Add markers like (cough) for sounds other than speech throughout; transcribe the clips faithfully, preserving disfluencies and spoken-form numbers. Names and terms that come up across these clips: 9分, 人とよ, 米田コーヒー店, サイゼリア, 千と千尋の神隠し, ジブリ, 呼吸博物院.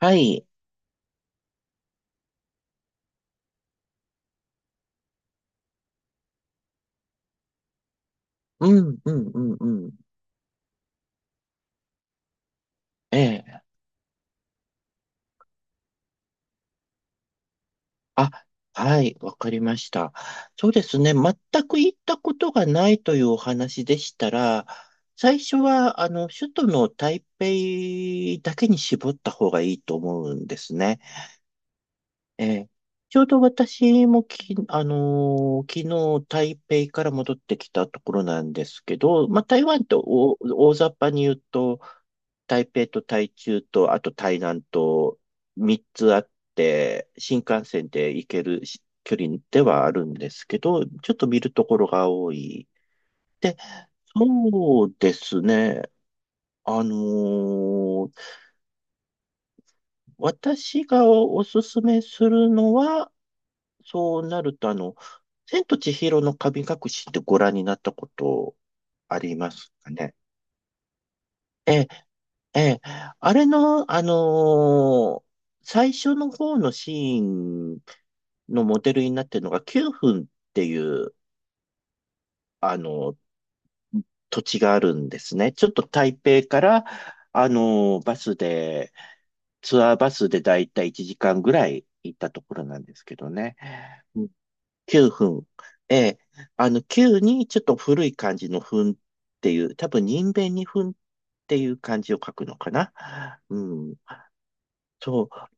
はい。うん、うん、うん、うん。ええ。あ、はい。わかりました。そうですね。全く行ったことがないというお話でしたら、最初は、あの、首都の台北だけに絞った方がいいと思うんですね。ええ、ちょうど私もき、あのー昨日台北から戻ってきたところなんですけど、まあ、台湾と大、大雑把に言うと、台北と台中と、あと台南とみっつあって、新幹線で行けるし距離ではあるんですけど、ちょっと見るところが多い。で、そうですね。あのー私がおすすめするのは、そうなると、あの、千と千尋の神隠しってご覧になったことありますかね。ええ、ええ、あれの、あのー最初の方のシーンのモデルになってるのがきゅうふんっていう、あのー土地があるんですね。ちょっと台北から、あのーバスで、ツアーバスでだいたいいちじかんぐらい行ったところなんですけどね。きゅうふん。ええ。あの、きゅうにちょっと古い感じの分っていう、多分人弁に分っていう漢字を書くのかな。うん。そう、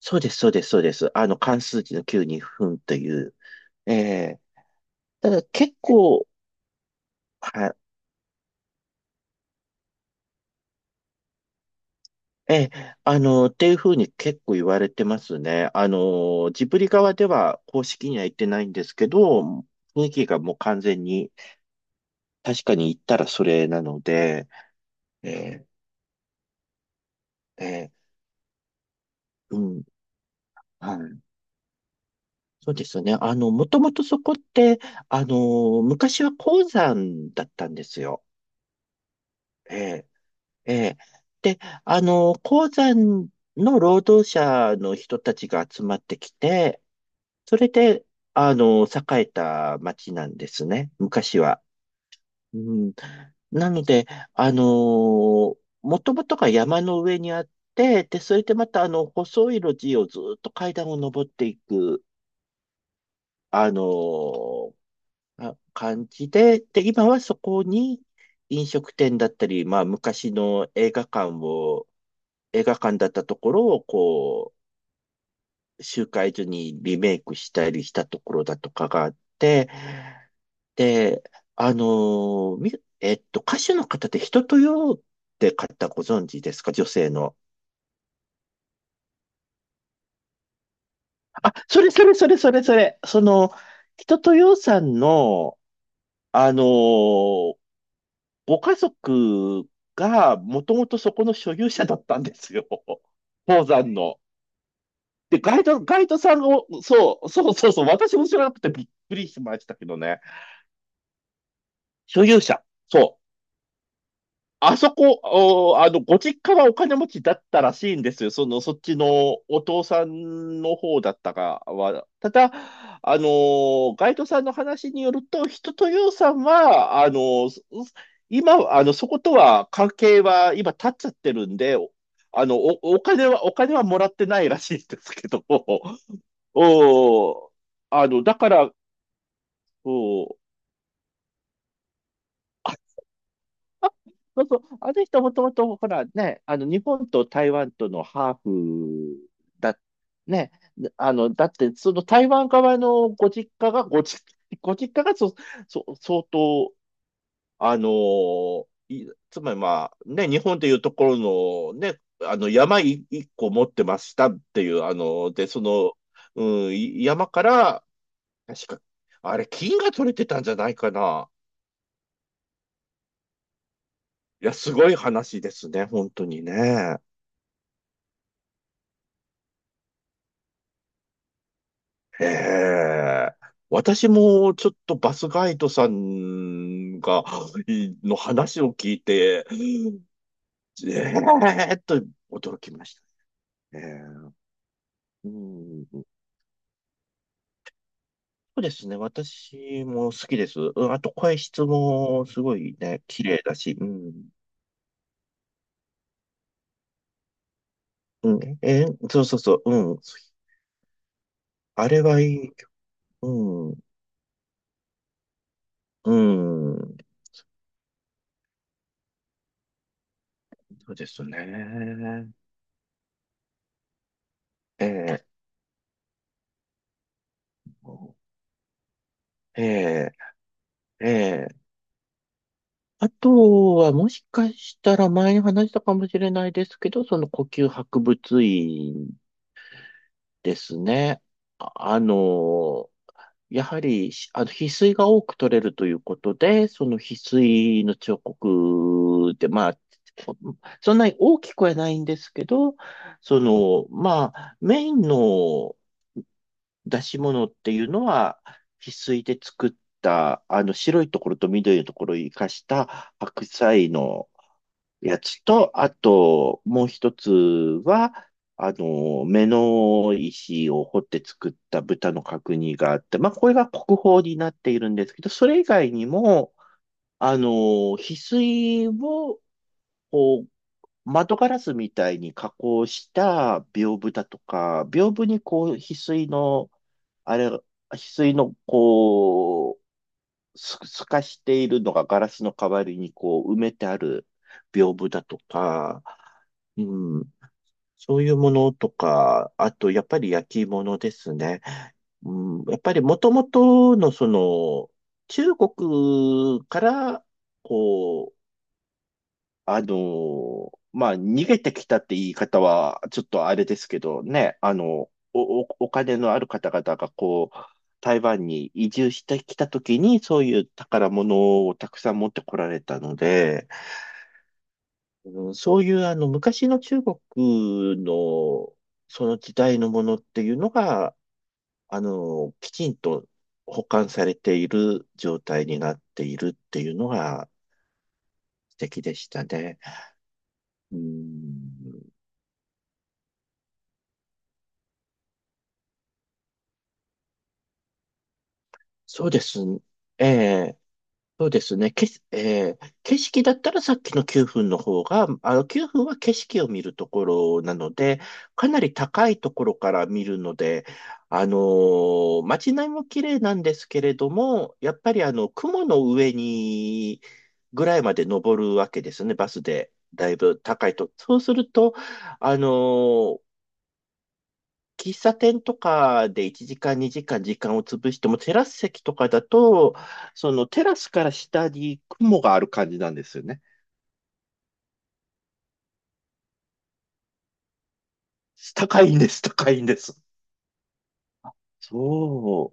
そうです、そうです、そうです。あの、漢数字のきゅうに分という。ええ。ただ結構、はい。ええ、あの、っていうふうに結構言われてますね。あの、ジブリ側では公式には言ってないんですけど、雰囲気がもう完全に、確かに言ったらそれなので、ええ、ええ、うん。はい、そうですね。あの、もともとそこって、あの、昔は鉱山だったんですよ。ええ、ええ。で、あの、鉱山の労働者の人たちが集まってきて、それで、あの、栄えた町なんですね。昔は。うん、なので、あの、もともとが山の上にあって、で、それでまた、あの、細い路地をずっと階段を登っていく、あの、あ、感じで、で、今はそこに飲食店だったり、まあ昔の映画館を、映画館だったところをこう、集会所にリメイクしたりしたところだとかがあって、で、あのーみ、えっと、歌手の方で人とよって方ご存知ですか、女性の。あ、それそれそれそれそれ。その、人とよさんの、あのーご家族がもともとそこの所有者だったんですよ。(laughs) 鉱山の。で、ガイド、ガイドさんを、そう、そうそうそう、私も知らなくてびっくりしましたけどね。所有者。そう。あそこ、お、あの、ご実家はお金持ちだったらしいんですよ。その、そっちのお父さんの方だったかは。ただ、あの、ガイドさんの話によると、人とようさんは、あの、す今、あの、そことは関係は今立っちゃってるんで、おあの、お、お金は、お金はもらってないらしいんですけど、(laughs) お、あの、だから、お、そうそう、あの人もともと、ほらね、あの、日本と台湾とのハーフだ、ね、あの、だって、その台湾側のご実家が、ご実、(laughs) ご実家がそ、そ、相当、あのいつまりまあ、ね、日本でいうところの、ね、あの、山い一個持ってましたっていう、あの、で、その、うん、い山から、確か、あれ、金が取れてたんじゃないかな。いや、すごい話ですね、本当にね。へえ。私もちょっとバスガイドさんが、いの話を聞いて、えーっと驚きましたね。ええ、うん、そうですね。私も好きです。うん、あと声質もすごいね、綺麗だし。うん。うん、えーそうそうそう。うん。あれはいい。うん。うん。そうですね。ええええええ、あとは、もしかしたら前に話したかもしれないですけど、その呼吸博物院ですね。あ、あの、やはり、しあの、翡翠が多く取れるということで、その翡翠の彫刻で、まあ、そんなに大きくはないんですけど、その、まあ、メインの出し物っていうのは、翡翠で作った、あの、白いところと緑のところを生かした白菜のやつと、あと、もう一つは、あの、目の石を彫って作った豚の角煮があって、まあ、これが国宝になっているんですけど、それ以外にも、あの、翡翠を、こう、窓ガラスみたいに加工した屏風だとか、屏風にこう、翡翠の、あれ、翡翠の、こう、す、すかしているのがガラスの代わりにこう埋めてある屏風だとか、うん、そういうものとか、あとやっぱり焼き物ですね。うん、やっぱりもともとのその中国からこあの、まあ、逃げてきたって言い方は、ちょっとあれですけどね、あの、お、おお金のある方々がこう、台湾に移住してきたときに、そういう宝物をたくさん持ってこられたので、うん、そういうあの、昔の中国の、その時代のものっていうのが、あの、きちんと保管されている状態になっているっていうのが素敵でしたね。うん、そうですね。ええ、そうですね。けし、ええ、景色だったらさっきのきゅうふんの方が、あのきゅうふんは景色を見るところなので、かなり高いところから見るので、あのー街並みも綺麗なんですけれども、やっぱりあの、雲の上にぐらいまで登るわけですね、バスで。だいぶ高いと。そうすると、あのー喫茶店とかでいちじかん、にじかん時間を潰しても、テラス席とかだと、そのテラスから下に雲がある感じなんですよね。高いんです、高いんです。そ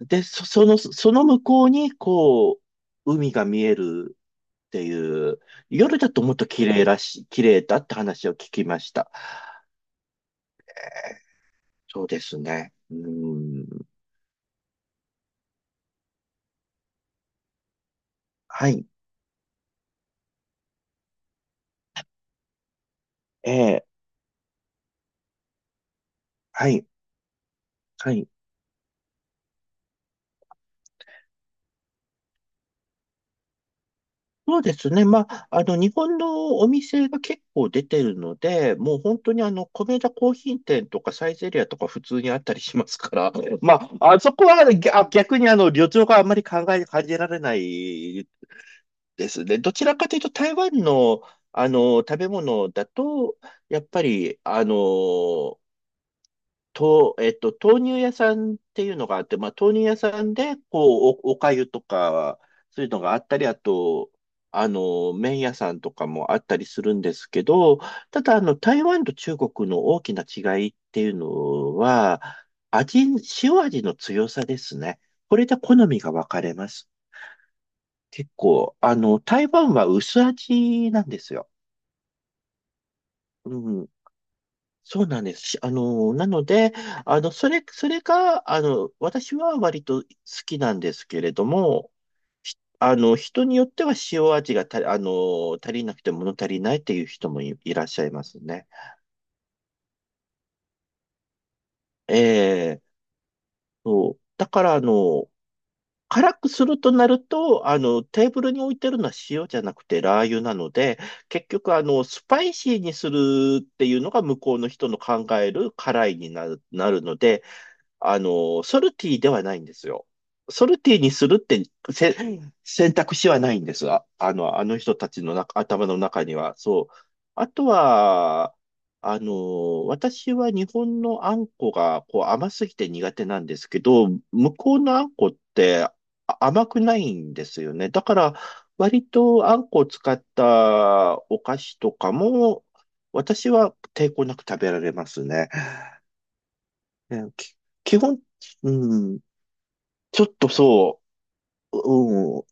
う。で、そ、その、その向こうに、こう、海が見えるっていう、夜だともっと綺麗らしい、綺麗だって話を聞きました。えーそうですね。うん。はい。えーはい。はい。そうですね。まあ、あの、日本のお店が結構出てるので、もう本当にあの、米田コーヒー店とかサイゼリアとか普通にあったりしますから、(laughs) まあ、あそこはねぎゃ逆にあの、旅情があんまり考え、感じられないですね。どちらかというと、台湾の、あの、食べ物だと、やっぱり、あの、と、えっと、豆乳屋さんっていうのがあって、まあ、豆乳屋さんで、こう、お、おかゆとか、そういうのがあったり、あと、あの、麺屋さんとかもあったりするんですけど、ただ、あの、台湾と中国の大きな違いっていうのは、味、塩味の強さですね。これで好みが分かれます。結構、あの、台湾は薄味なんですよ。うん、そうなんです。しあの、なので、あの、それ、それが、あの、私は割と好きなんですけれども、ひあの、人によっては塩味がた、あの、足りなくて物足りないっていう人もい、いらっしゃいますね。ええ、そう。だから、あの、辛くするとなると、あの、テーブルに置いてるのは塩じゃなくてラー油なので、結局、あの、スパイシーにするっていうのが向こうの人の考える辛いになる、なるので、あの、ソルティではないんですよ。ソルティにするってせ選択肢はないんですが、あの、あの人たちの中頭の中には。そう。あとは、あの、私は日本のあんこがこう甘すぎて苦手なんですけど、向こうのあんこってあ甘くないんですよね。だから、割とあんこを使ったお菓子とかも、私は抵抗なく食べられますね。ねき基本、うん、ちょっとそう、うん。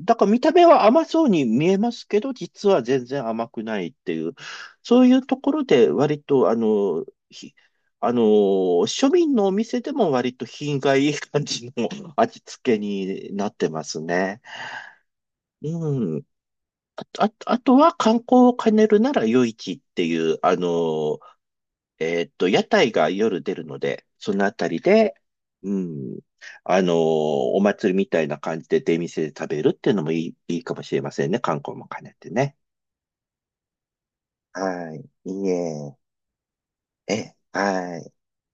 だから見た目は甘そうに見えますけど、実は全然甘くないっていう、そういうところで割と、あの、ひ、あの、庶民のお店でも割と品がいい感じの (laughs) 味付けになってますね。うん。あ、あとは観光を兼ねるなら夜市っていう、あの、えーっと、屋台が夜出るので、そのあたりで、うん、あのーお祭りみたいな感じで出店で食べるっていうのもいい、いいかもしれませんね。観光も兼ねてね。はい。いいえ。え、はい。